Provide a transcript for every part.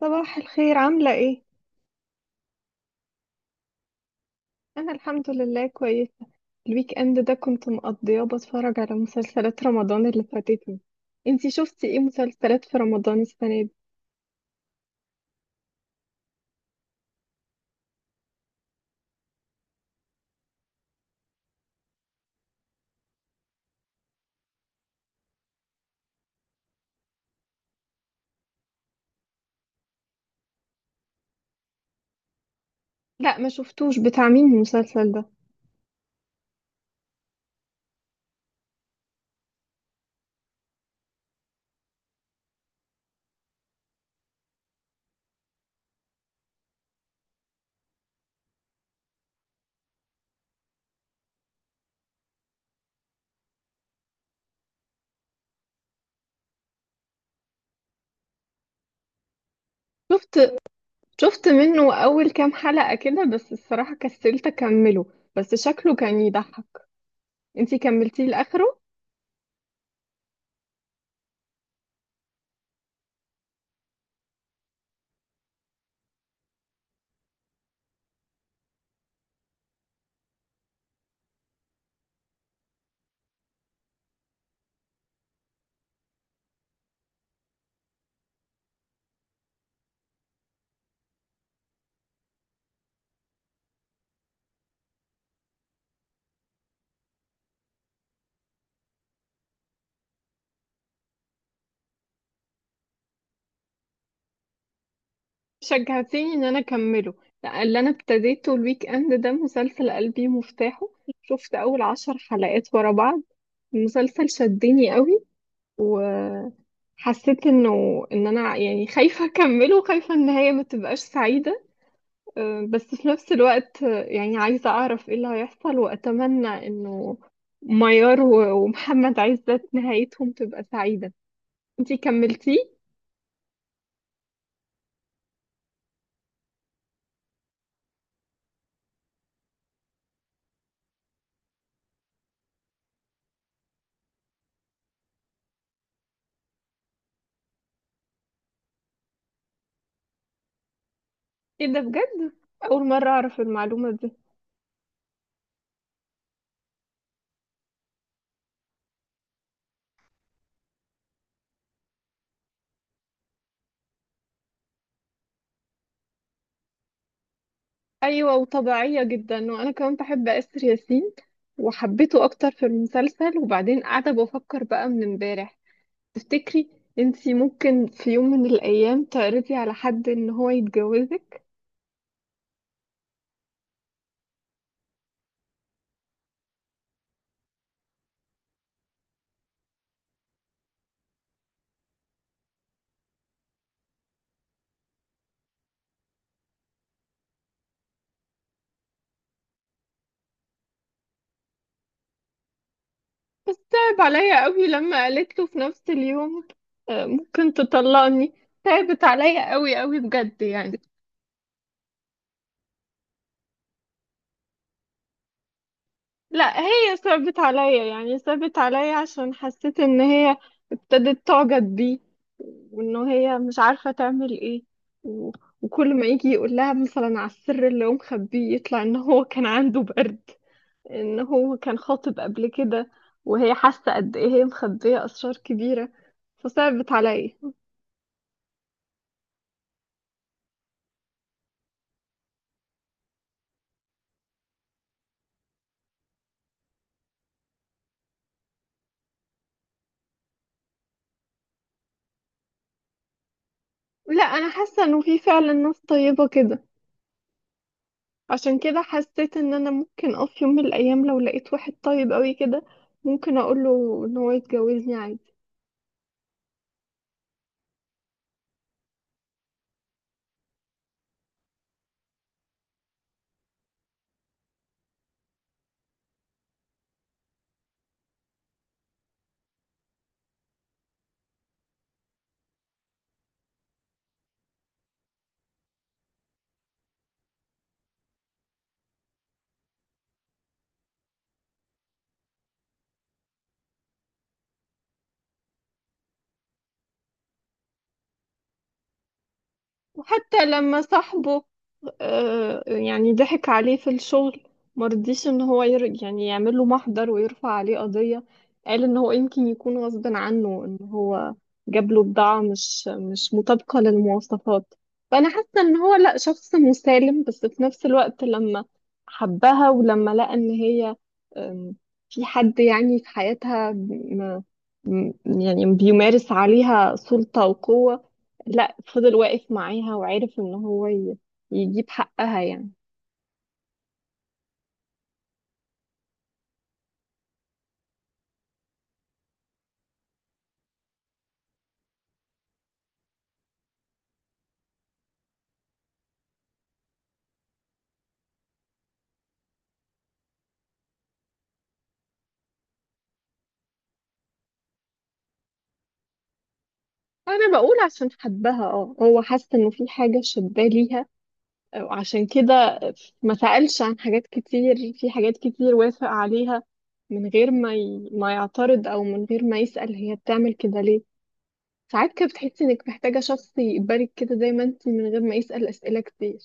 صباح الخير، عاملة ايه؟ أنا الحمد لله كويسة. الويك اند ده كنت مقضياه بتفرج على مسلسلات رمضان اللي فاتتني. انتي شفتي ايه مسلسلات في رمضان السنة دي؟ لا، ما شفتوش. بتاع مين المسلسل ده؟ شفت شفت منه أول كام حلقة كده، بس الصراحة كسلت أكمله. بس شكله كان يضحك. انتي كملتيه لآخره؟ شجعتيني إن أنا أكمله. لا، اللي أنا ابتديته الويك اند ده مسلسل قلبي مفتاحه. شفت أول 10 حلقات ورا بعض. المسلسل شدني قوي. وحسيت انه ان انا يعني خايفة اكمله، وخايفة ان هي ما تبقاش سعيدة. بس في نفس الوقت يعني عايزة اعرف ايه اللي هيحصل، واتمنى انه ميار ومحمد عزت نهايتهم تبقى سعيدة. انتي كملتيه؟ ايه ده، بجد؟ اول مرة اعرف المعلومة دي. ايوه، وطبيعية جدا. وانا كمان بحب اسر ياسين، وحبيته اكتر في المسلسل. وبعدين قاعدة بفكر بقى من امبارح، تفتكري انتي ممكن في يوم من الايام تعرضي على حد ان هو يتجوزك؟ بس تعب عليا قوي لما قالت له في نفس اليوم: ممكن تطلقني. تعبت عليا قوي قوي بجد يعني. لا، هي صعبت عليا، يعني صعبت عليا عشان حسيت ان هي ابتدت تعجب بيه، وان هي مش عارفة تعمل ايه. و- وكل ما يجي يقول لها مثلا على السر اللي هو مخبيه، يطلع ان هو كان عنده برد، ان هو كان خاطب قبل كده. وهي حاسه قد ايه هي مخبيه اسرار كبيره، فصعبت عليا. لا، انا حاسه انه في فعلا ناس طيبه كده. عشان كده حسيت ان انا ممكن في يوم من الايام، لو لقيت واحد طيب قوي كده، ممكن اقوله ان هو يتجوزني عادي. وحتى لما صاحبه يعني ضحك عليه في الشغل، مرضيش ان هو يعني يعمل له محضر ويرفع عليه قضية. قال ان هو يمكن يكون غصب عنه ان هو جاب له بضاعة مش مطابقة للمواصفات. فانا حاسة ان هو لا، شخص مسالم، بس في نفس الوقت لما حبها ولما لقى ان هي آم، في حد يعني في حياتها يعني بيمارس عليها سلطة وقوة، لا فضل واقف معاها وعرف ان هو يجيب حقها يعني. انا بقول عشان حبها هو حس انه في حاجه شداه ليها، وعشان كده ما سألش. عن حاجات كتير، في حاجات كتير وافق عليها من غير ما ما يعترض، او من غير ما يسأل هي بتعمل كده ليه. ساعات كده بتحسي انك محتاجه شخص يقبلك كده زي ما انت، من غير ما يسأل اسئله كتير.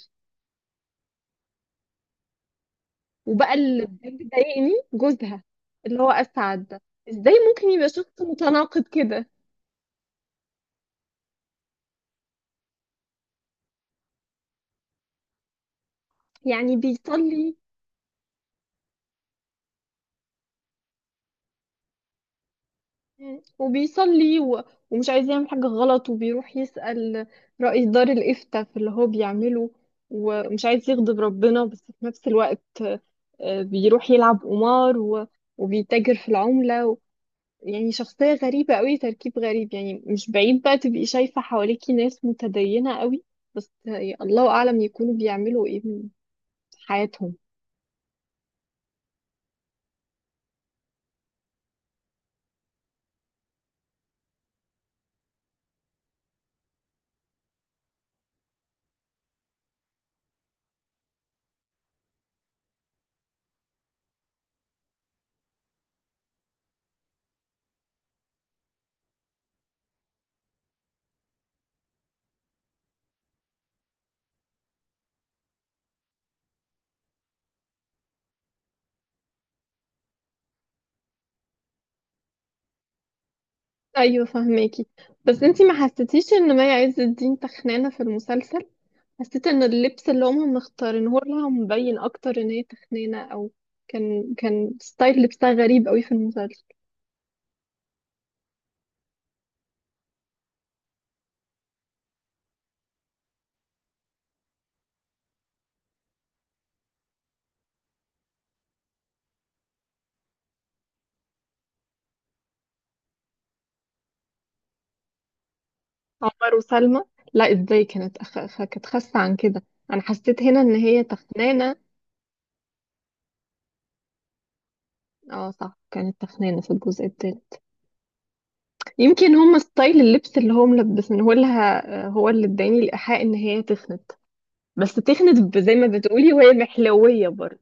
وبقى اللي بيضايقني جوزها، اللي هو اسعد ده. ازاي ممكن يبقى شخص متناقض كده؟ يعني بيصلي. وبيصلي ومش عايز يعمل حاجة غلط، وبيروح يسأل رئيس دار الإفتاء في اللي هو بيعمله، ومش عايز يغضب ربنا، بس في نفس الوقت بيروح يلعب قمار وبيتاجر في العملة يعني شخصية غريبة قوي، تركيب غريب. يعني مش بعيد بقى تبقي شايفة حواليكي ناس متدينة قوي، بس الله أعلم يكونوا بيعملوا إيه في حياتهم. أيوة، فهماكي. بس انتي ما حسيتيش إن مي عز الدين تخنانة في المسلسل؟ حسيت ان اللبس اللي هم مختارينه لها مبين اكتر ان هي تخينه، او كان ستايل لبسها غريب قوي في المسلسل. عمر وسلمى؟ لا، ازاي؟ كانت كانت خاسه عن كده. انا حسيت هنا ان هي تخنانه. اه صح، كانت تخنانه في الجزء التاني. يمكن هم ستايل اللبس اللي هم ملبسينه لها هو اللي اداني الايحاء ان هي تخنت. بس تخنت، زي ما بتقولي، وهي محلويه برضه.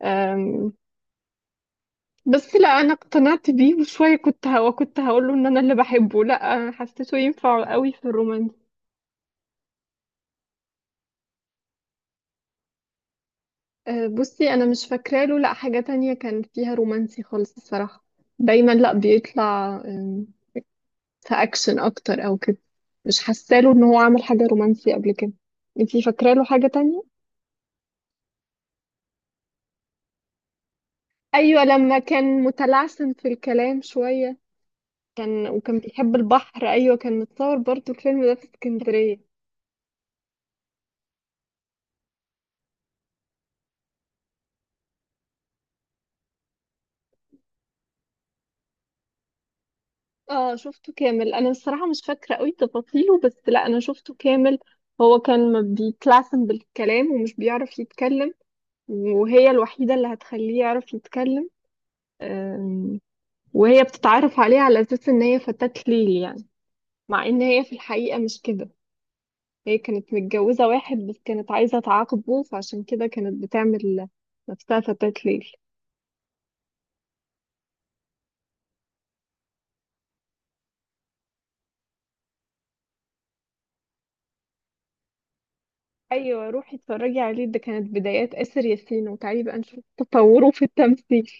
امم. بس لا، انا اقتنعت بيه وشويه. كنت هقول له ان انا اللي بحبه. لا، حسيته ينفع قوي في الرومانس. بصي انا مش فاكره له لا حاجه تانية كان فيها رومانسي خالص الصراحه. دايما لا، بيطلع في اكشن اكتر او كده. مش حاسه له ان هو عمل حاجه رومانسي قبل كده. انتي فاكره له حاجه تانية؟ ايوه، لما كان متلعثم في الكلام شويه، كان وكان بيحب البحر. ايوه، كان متصور برضو الفيلم ده في اسكندريه. اه، شفته كامل. انا الصراحه مش فاكره قوي تفاصيله، بس لا، انا شفته كامل. هو كان ما بيتلعثم بالكلام ومش بيعرف يتكلم، وهي الوحيده اللي هتخليه يعرف يتكلم. أم، وهي بتتعرف عليه على اساس ان هي فتاة ليل يعني، مع ان هي في الحقيقه مش كده. هي كانت متجوزه واحد بس كانت عايزه تعاقبه، فعشان كده كانت بتعمل نفسها فتاة ليل. ايوه، روحي اتفرجي عليه. ده كانت بدايات آسر ياسين، وتعالي بقى نشوف تطوره في التمثيل.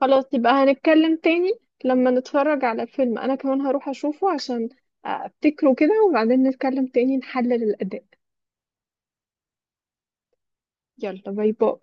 خلاص، يبقى هنتكلم تاني لما نتفرج على فيلم. انا كمان هروح اشوفه عشان افتكره كده، وبعدين نتكلم تاني نحلل الاداء. يلا، باي باي.